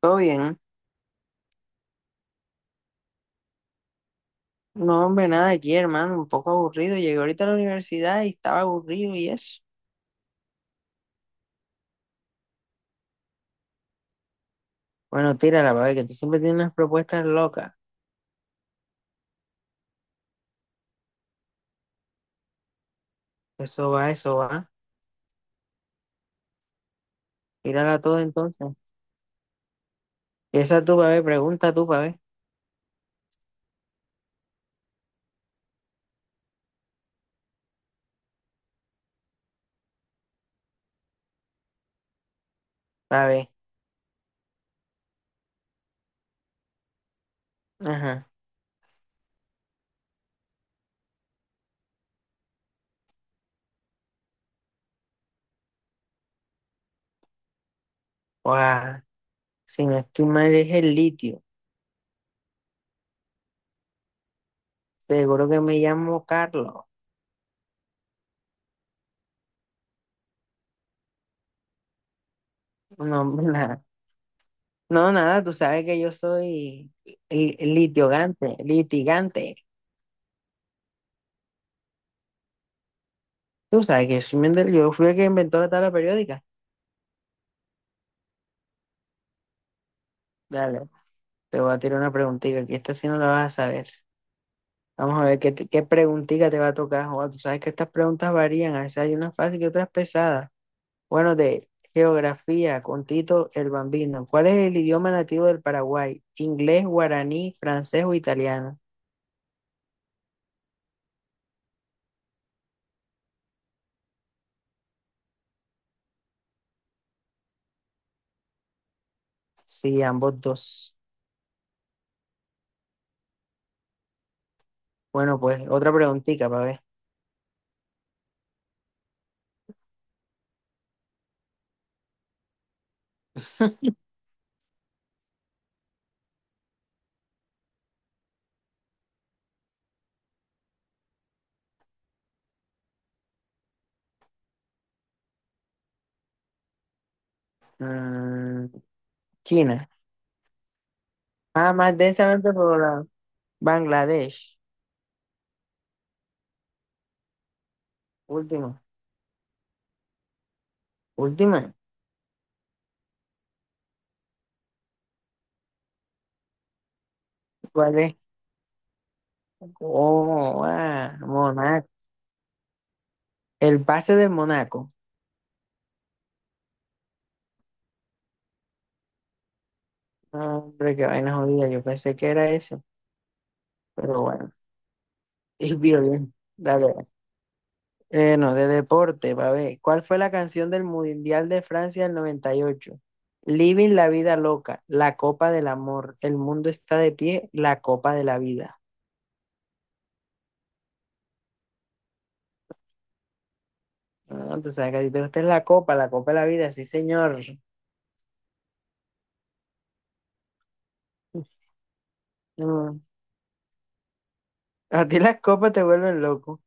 Todo bien. No, hombre, nada aquí, hermano. Un poco aburrido. Llegué ahorita a la universidad y estaba aburrido y eso. Bueno, tírala, para ver que tú siempre tienes unas propuestas locas. Eso va, eso va. Tírala todo entonces. Esa tú, para ver, pregunta tú, para ver. Para ver. Ajá. Guau. Si no estoy mal, es el litio. Seguro que me llamo Carlos. No, hombre, nada. No, nada, tú sabes que yo soy litigante, litigante. Tú sabes que soy Mendel, yo fui el que inventó la tabla periódica. Dale. Te voy a tirar una preguntita, que esta sí no la vas a saber. Vamos a ver qué, qué preguntita te va a tocar, Joa. Tú sabes que estas preguntas varían, a veces hay unas fáciles y otras pesadas. Bueno, de geografía, con Tito el Bambino. ¿Cuál es el idioma nativo del Paraguay? ¿Inglés, guaraní, francés o italiano? Sí, ambos dos. Bueno, pues otra preguntita para ver. Mm, China. Ah, más densamente poblada. Bangladesh. Última. Última. ¿Cuál es? Oh, ah, Monaco. El pase del Monaco. Ah, hombre, qué vaina jodida. Yo pensé que era eso, pero bueno. Y violín. Dale. No, de deporte, va a ver. ¿Cuál fue la canción del Mundial de Francia del 98? Living la vida loca, la copa del amor, el mundo está de pie, la copa de la vida. Ah, tú sabes que a ti te gusta la copa de la vida, sí, señor. Mm. A ti las copas te vuelven loco.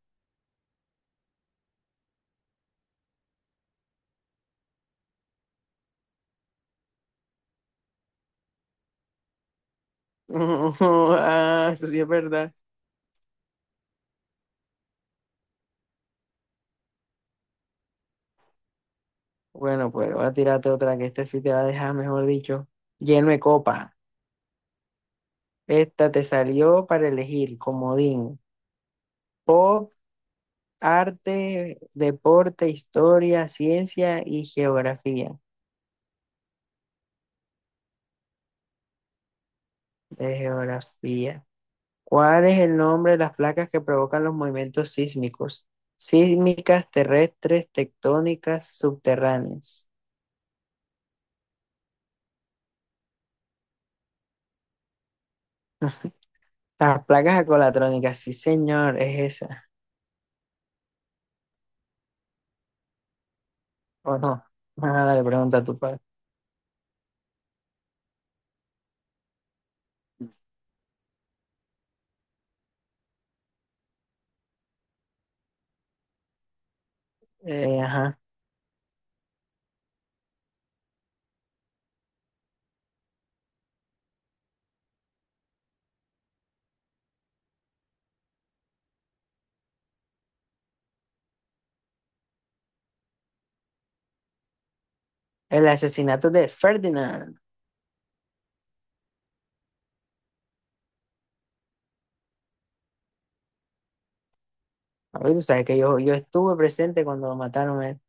Ah, eso sí es verdad. Bueno, pues voy a tirarte otra que este sí te va a dejar, mejor dicho, lleno de copa. Esta te salió para elegir comodín, pop, arte, deporte, historia, ciencia y geografía. De geografía. ¿Cuál es el nombre de las placas que provocan los movimientos sísmicos? Sísmicas, terrestres, tectónicas, subterráneas. Las placas acolatrónicas, sí señor, es esa. ¿O no? Vamos a pregunta a tu padre. Ajá. El asesinato de Ferdinand. Ahorita tú sabes que yo estuve presente cuando lo mataron en,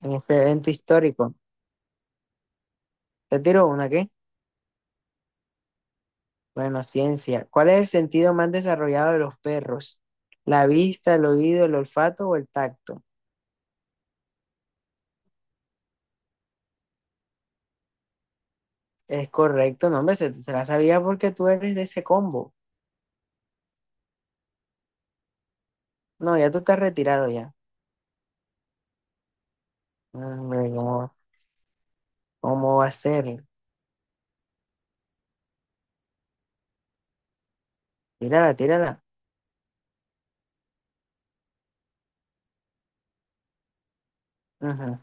en ese evento histórico. Te tiro una, ¿qué? Bueno, ciencia. ¿Cuál es el sentido más desarrollado de los perros? ¿La vista, el oído, el olfato o el tacto? Es correcto, no, hombre, se la sabía porque tú eres de ese combo. No, ya tú estás retirado ya. Hombre, ¿cómo va a ser? Tírala, tírala. Ujú,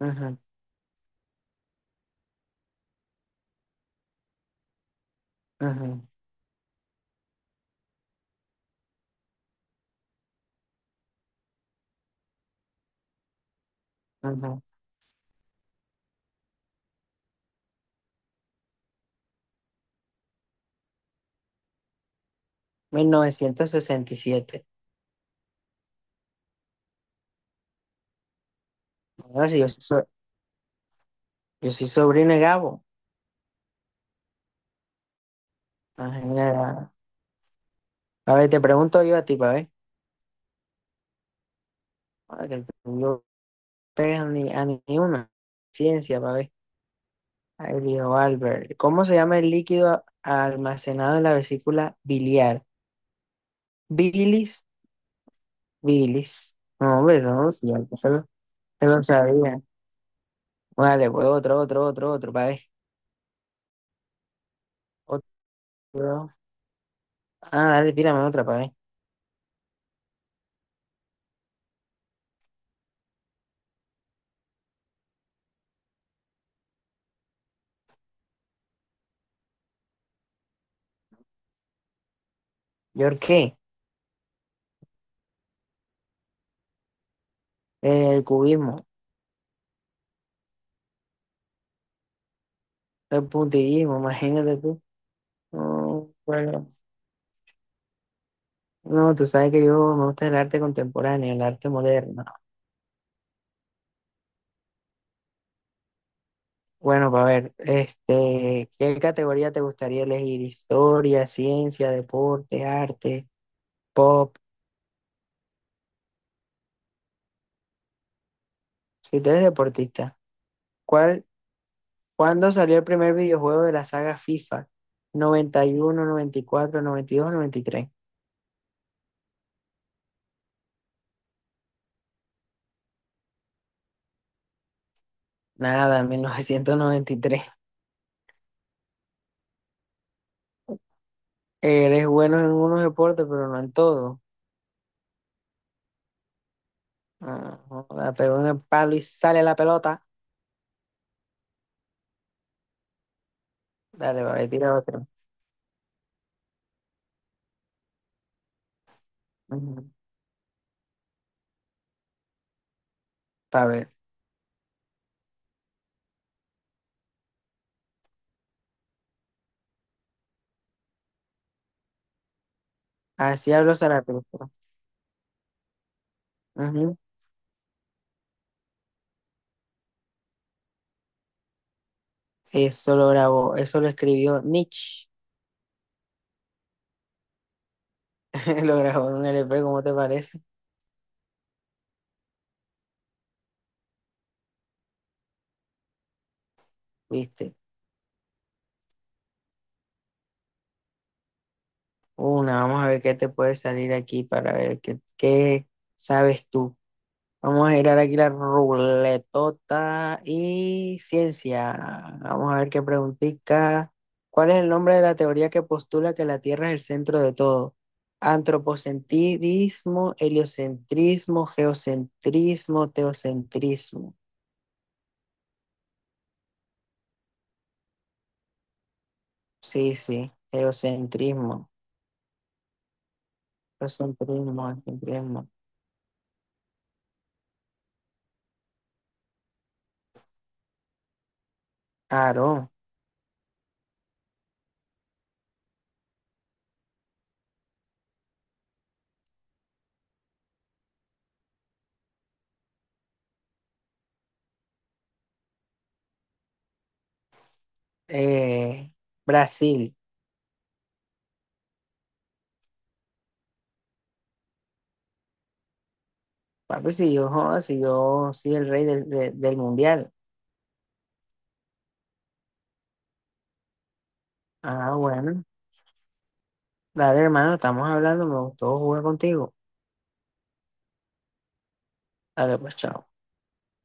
ujú, ujú, ujú. 1967. Ahora sí, yo soy sobrino de Gabo. Ajá, mira. A ver, te pregunto yo a ti, pa ver. Para que no pegas ni una. Ciencia, pa ver. Ahí dijo Albert. ¿Cómo se llama el líquido almacenado en la vesícula biliar? Bilis, bilis. No, hombre, no, sí, ya se lo sabía. Vale, pues otro, otro, otro, otro, pa ver. Otro. Ah, dale, tírame otra, pa ver. ¿Yo qué? El cubismo, el puntillismo, imagínate tú. No, bueno. No, tú sabes que yo me gusta el arte contemporáneo, el arte moderno. Bueno, para ver, este, ¿qué categoría te gustaría elegir? Historia, ciencia, deporte, arte, pop. Si tú eres deportista, ¿cuál, cuándo salió el primer videojuego de la saga FIFA? Noventa, noventa, noventa y uno, cuatro, dos, noventa y tres. Nada, 1993. Eres bueno en unos deportes, pero no en todo. Ah, joda, pegó en el palo y sale la pelota. Dale, va, tira otro. Ujú. Pa' ver. Así habló Zaratustra. Ujú. Eso lo grabó, eso lo escribió Nietzsche. Lo grabó en un LP, ¿cómo te parece? ¿Viste? Una, vamos a ver qué te puede salir aquí para ver qué sabes tú. Vamos a girar aquí la ruletota y ciencia. Vamos a ver qué preguntica. ¿Cuál es el nombre de la teoría que postula que la Tierra es el centro de todo? Antropocentrismo, heliocentrismo, geocentrismo, teocentrismo. Sí, sí, eurocentrismo, eurocentrismo, eurocentrismo. Claro, eh, Brasil. Papi, si yo, joda, si yo soy el rey del mundial. Ah, bueno. Dale, hermano, estamos hablando, me gustó jugar contigo. Dale, pues, chao.